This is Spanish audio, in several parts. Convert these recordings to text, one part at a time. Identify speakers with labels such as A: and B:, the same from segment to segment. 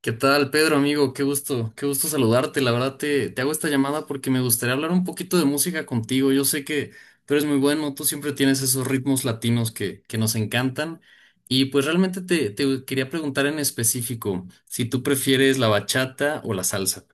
A: ¿Qué tal, Pedro, amigo? Qué gusto saludarte. La verdad te hago esta llamada porque me gustaría hablar un poquito de música contigo. Yo sé que tú eres muy bueno, tú siempre tienes esos ritmos latinos que nos encantan. Y pues realmente te quería preguntar en específico si tú prefieres la bachata o la salsa.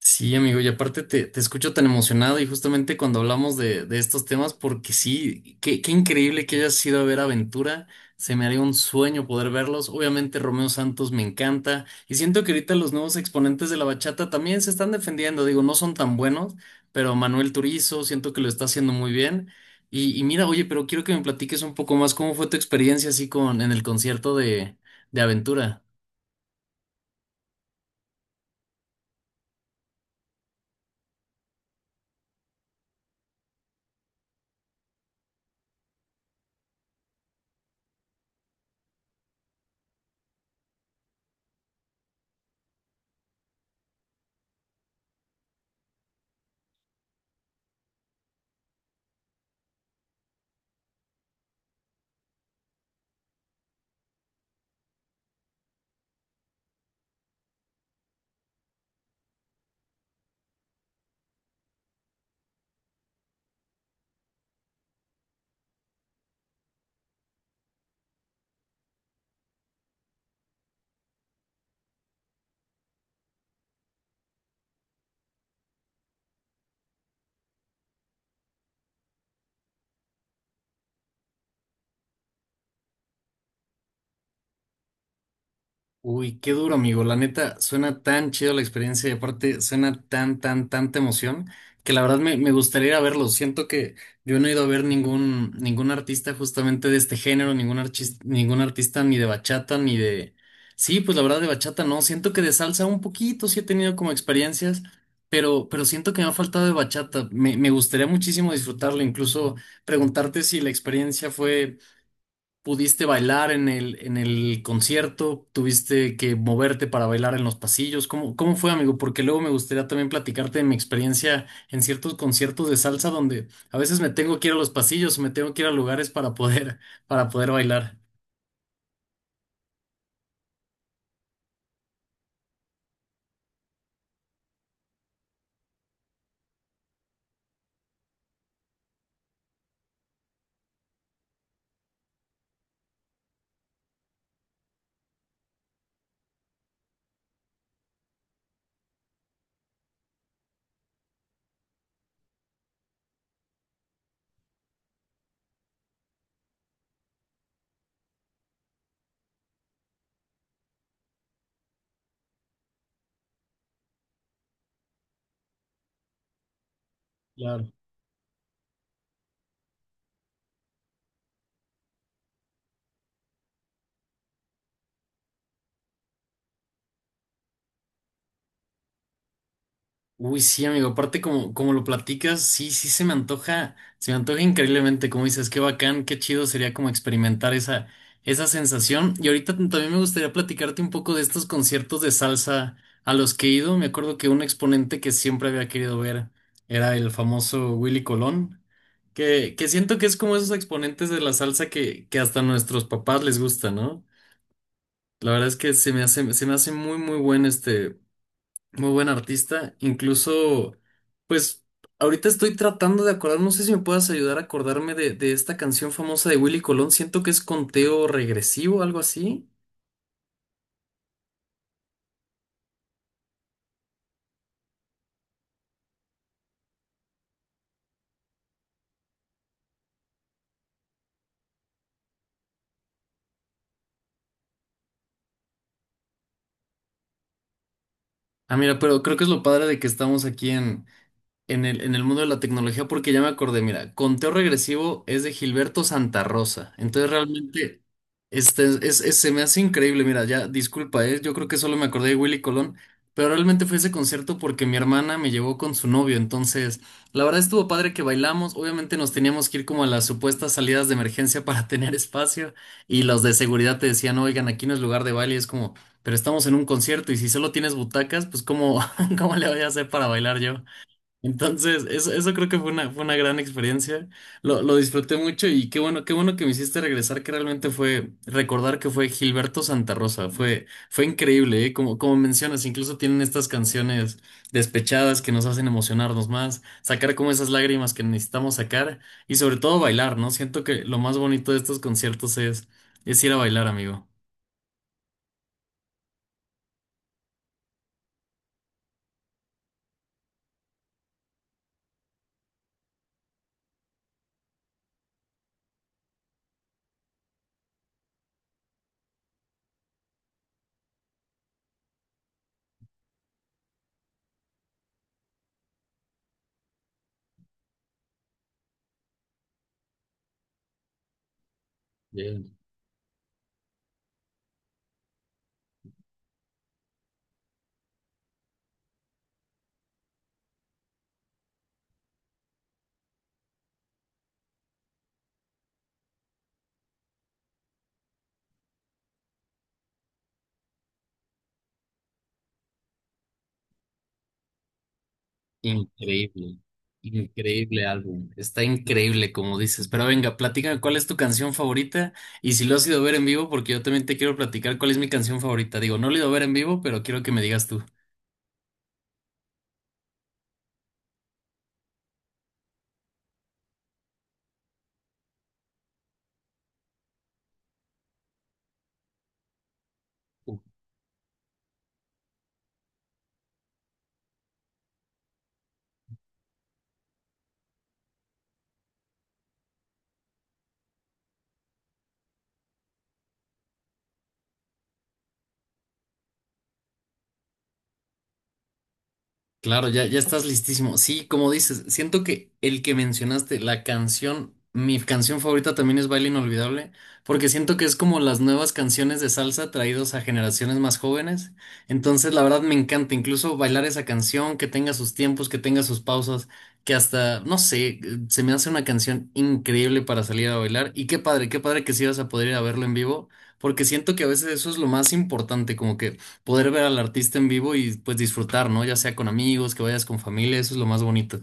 A: Sí, amigo, y aparte te escucho tan emocionado y justamente cuando hablamos de estos temas, porque sí, qué increíble que hayas ido a ver Aventura, se me haría un sueño poder verlos, obviamente Romeo Santos me encanta y siento que ahorita los nuevos exponentes de la bachata también se están defendiendo, digo, no son tan buenos, pero Manuel Turizo siento que lo está haciendo muy bien y mira, oye, pero quiero que me platiques un poco más cómo fue tu experiencia así con en el concierto de Aventura. Uy, qué duro, amigo. La neta, suena tan chido la experiencia y aparte suena tan, tan, tanta emoción que la verdad me gustaría ir a verlo. Siento que yo no he ido a ver ningún artista justamente de este género, ningún artista ni de bachata, ni de... Sí, pues la verdad de bachata no. Siento que de salsa un poquito sí he tenido como experiencias, pero siento que me ha faltado de bachata. Me gustaría muchísimo disfrutarlo, incluso preguntarte si la experiencia fue. ¿Pudiste bailar en el concierto? ¿Tuviste que moverte para bailar en los pasillos? ¿Cómo, cómo fue, amigo? Porque luego me gustaría también platicarte de mi experiencia en ciertos conciertos de salsa donde a veces me tengo que ir a los pasillos, me tengo que ir a lugares para poder bailar. Uy, sí, amigo, aparte como, como lo platicas, sí, sí se me antoja increíblemente, como dices, qué bacán, qué chido sería como experimentar esa, esa sensación. Y ahorita también me gustaría platicarte un poco de estos conciertos de salsa a los que he ido. Me acuerdo que un exponente que siempre había querido ver era el famoso Willy Colón, que siento que es como esos exponentes de la salsa que hasta a nuestros papás les gusta, ¿no? La verdad es que se me hace muy, muy buen este. Muy buen artista. Incluso, pues, ahorita estoy tratando de acordar, no sé si me puedas ayudar a acordarme de esta canción famosa de Willy Colón. Siento que es Conteo Regresivo, algo así. Ah, mira, pero creo que es lo padre de que estamos aquí en el mundo de la tecnología porque ya me acordé, mira, Conteo Regresivo es de Gilberto Santa Rosa, entonces realmente se me hace increíble, mira, ya disculpa, yo creo que solo me acordé de Willy Colón, pero realmente fue ese concierto porque mi hermana me llevó con su novio, entonces la verdad estuvo padre que bailamos, obviamente nos teníamos que ir como a las supuestas salidas de emergencia para tener espacio y los de seguridad te decían, oigan, aquí no es lugar de baile, y es como... Pero estamos en un concierto y si solo tienes butacas, pues ¿cómo, cómo le voy a hacer para bailar yo? Entonces, eso creo que fue una gran experiencia. Lo disfruté mucho y qué bueno que me hiciste regresar, que realmente fue recordar que fue Gilberto Santa Rosa. Fue increíble, ¿eh? Como, como mencionas, incluso tienen estas canciones despechadas que nos hacen emocionarnos más, sacar como esas lágrimas que necesitamos sacar y sobre todo bailar, ¿no? Siento que lo más bonito de estos conciertos es ir a bailar, amigo. Increíble, increíble álbum, está increíble como dices, pero venga, platícame cuál es tu canción favorita y si lo has ido a ver en vivo, porque yo también te quiero platicar cuál es mi canción favorita, digo, no lo he ido a ver en vivo, pero quiero que me digas tú. Claro, ya, ya estás listísimo. Sí, como dices, siento que el que mencionaste, la canción, mi canción favorita también es Baile Inolvidable, porque siento que es como las nuevas canciones de salsa traídos a generaciones más jóvenes. Entonces, la verdad me encanta incluso bailar esa canción, que tenga sus tiempos, que tenga sus pausas, que hasta, no sé, se me hace una canción increíble para salir a bailar. Y qué padre que sí vas a poder ir a verlo en vivo, porque siento que a veces eso es lo más importante, como que poder ver al artista en vivo y pues disfrutar, ¿no? Ya sea con amigos, que vayas con familia, eso es lo más bonito.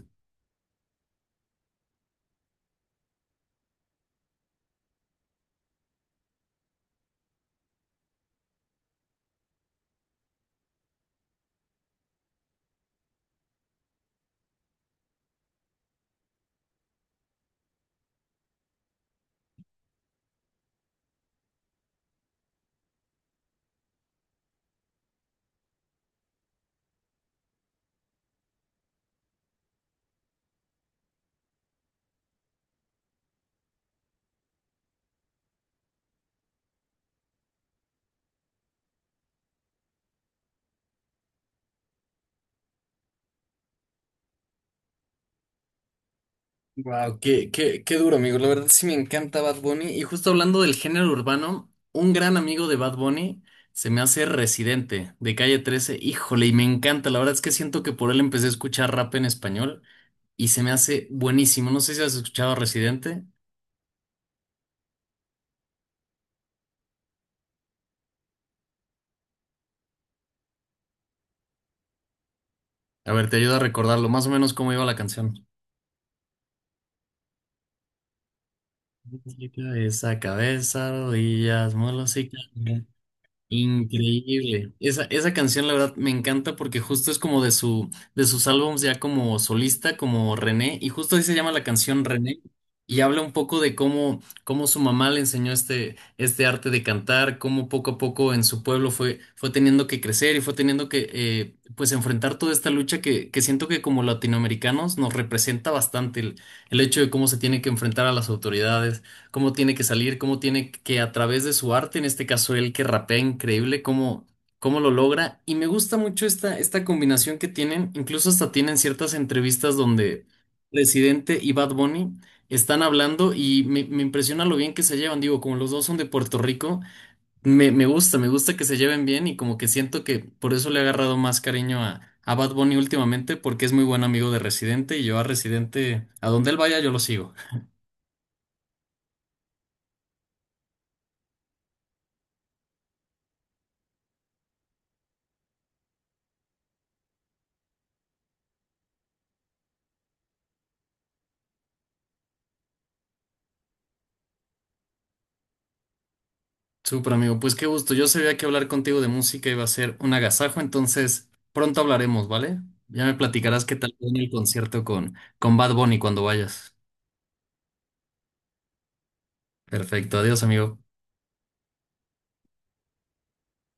A: Wow, qué, qué, qué duro, amigo. La verdad sí me encanta Bad Bunny. Y justo hablando del género urbano, un gran amigo de Bad Bunny se me hace Residente de Calle 13. Híjole, y me encanta. La verdad es que siento que por él empecé a escuchar rap en español y se me hace buenísimo. No sé si has escuchado a Residente. A ver, te ayuda a recordarlo, más o menos cómo iba la canción. Cabeza, rodillas, mulos y... Increíble. Esa canción, la verdad, me encanta porque justo es como de su, de sus álbums ya como solista, como René, y justo ahí se llama la canción René, y habla un poco de cómo, cómo su mamá le enseñó este arte de cantar, cómo poco a poco en su pueblo fue teniendo que crecer y fue teniendo que pues enfrentar toda esta lucha que siento que como latinoamericanos nos representa bastante el hecho de cómo se tiene que enfrentar a las autoridades cómo tiene que salir, cómo tiene que a través de su arte, en este caso él que rapea increíble, cómo, cómo lo logra. Y me gusta mucho esta, esta combinación que tienen, incluso hasta tienen ciertas entrevistas donde Residente y Bad Bunny están hablando y me impresiona lo bien que se llevan. Digo, como los dos son de Puerto Rico, me gusta, me gusta que se lleven bien y como que siento que por eso le he agarrado más cariño a... A Bad Bunny últimamente porque es muy buen amigo de Residente y yo a Residente, a donde él vaya yo lo sigo. Súper amigo, pues qué gusto. Yo sabía que hablar contigo de música iba a ser un agasajo, entonces pronto hablaremos, ¿vale? Ya me platicarás qué tal fue en el concierto con Bad Bunny cuando vayas. Perfecto, adiós amigo.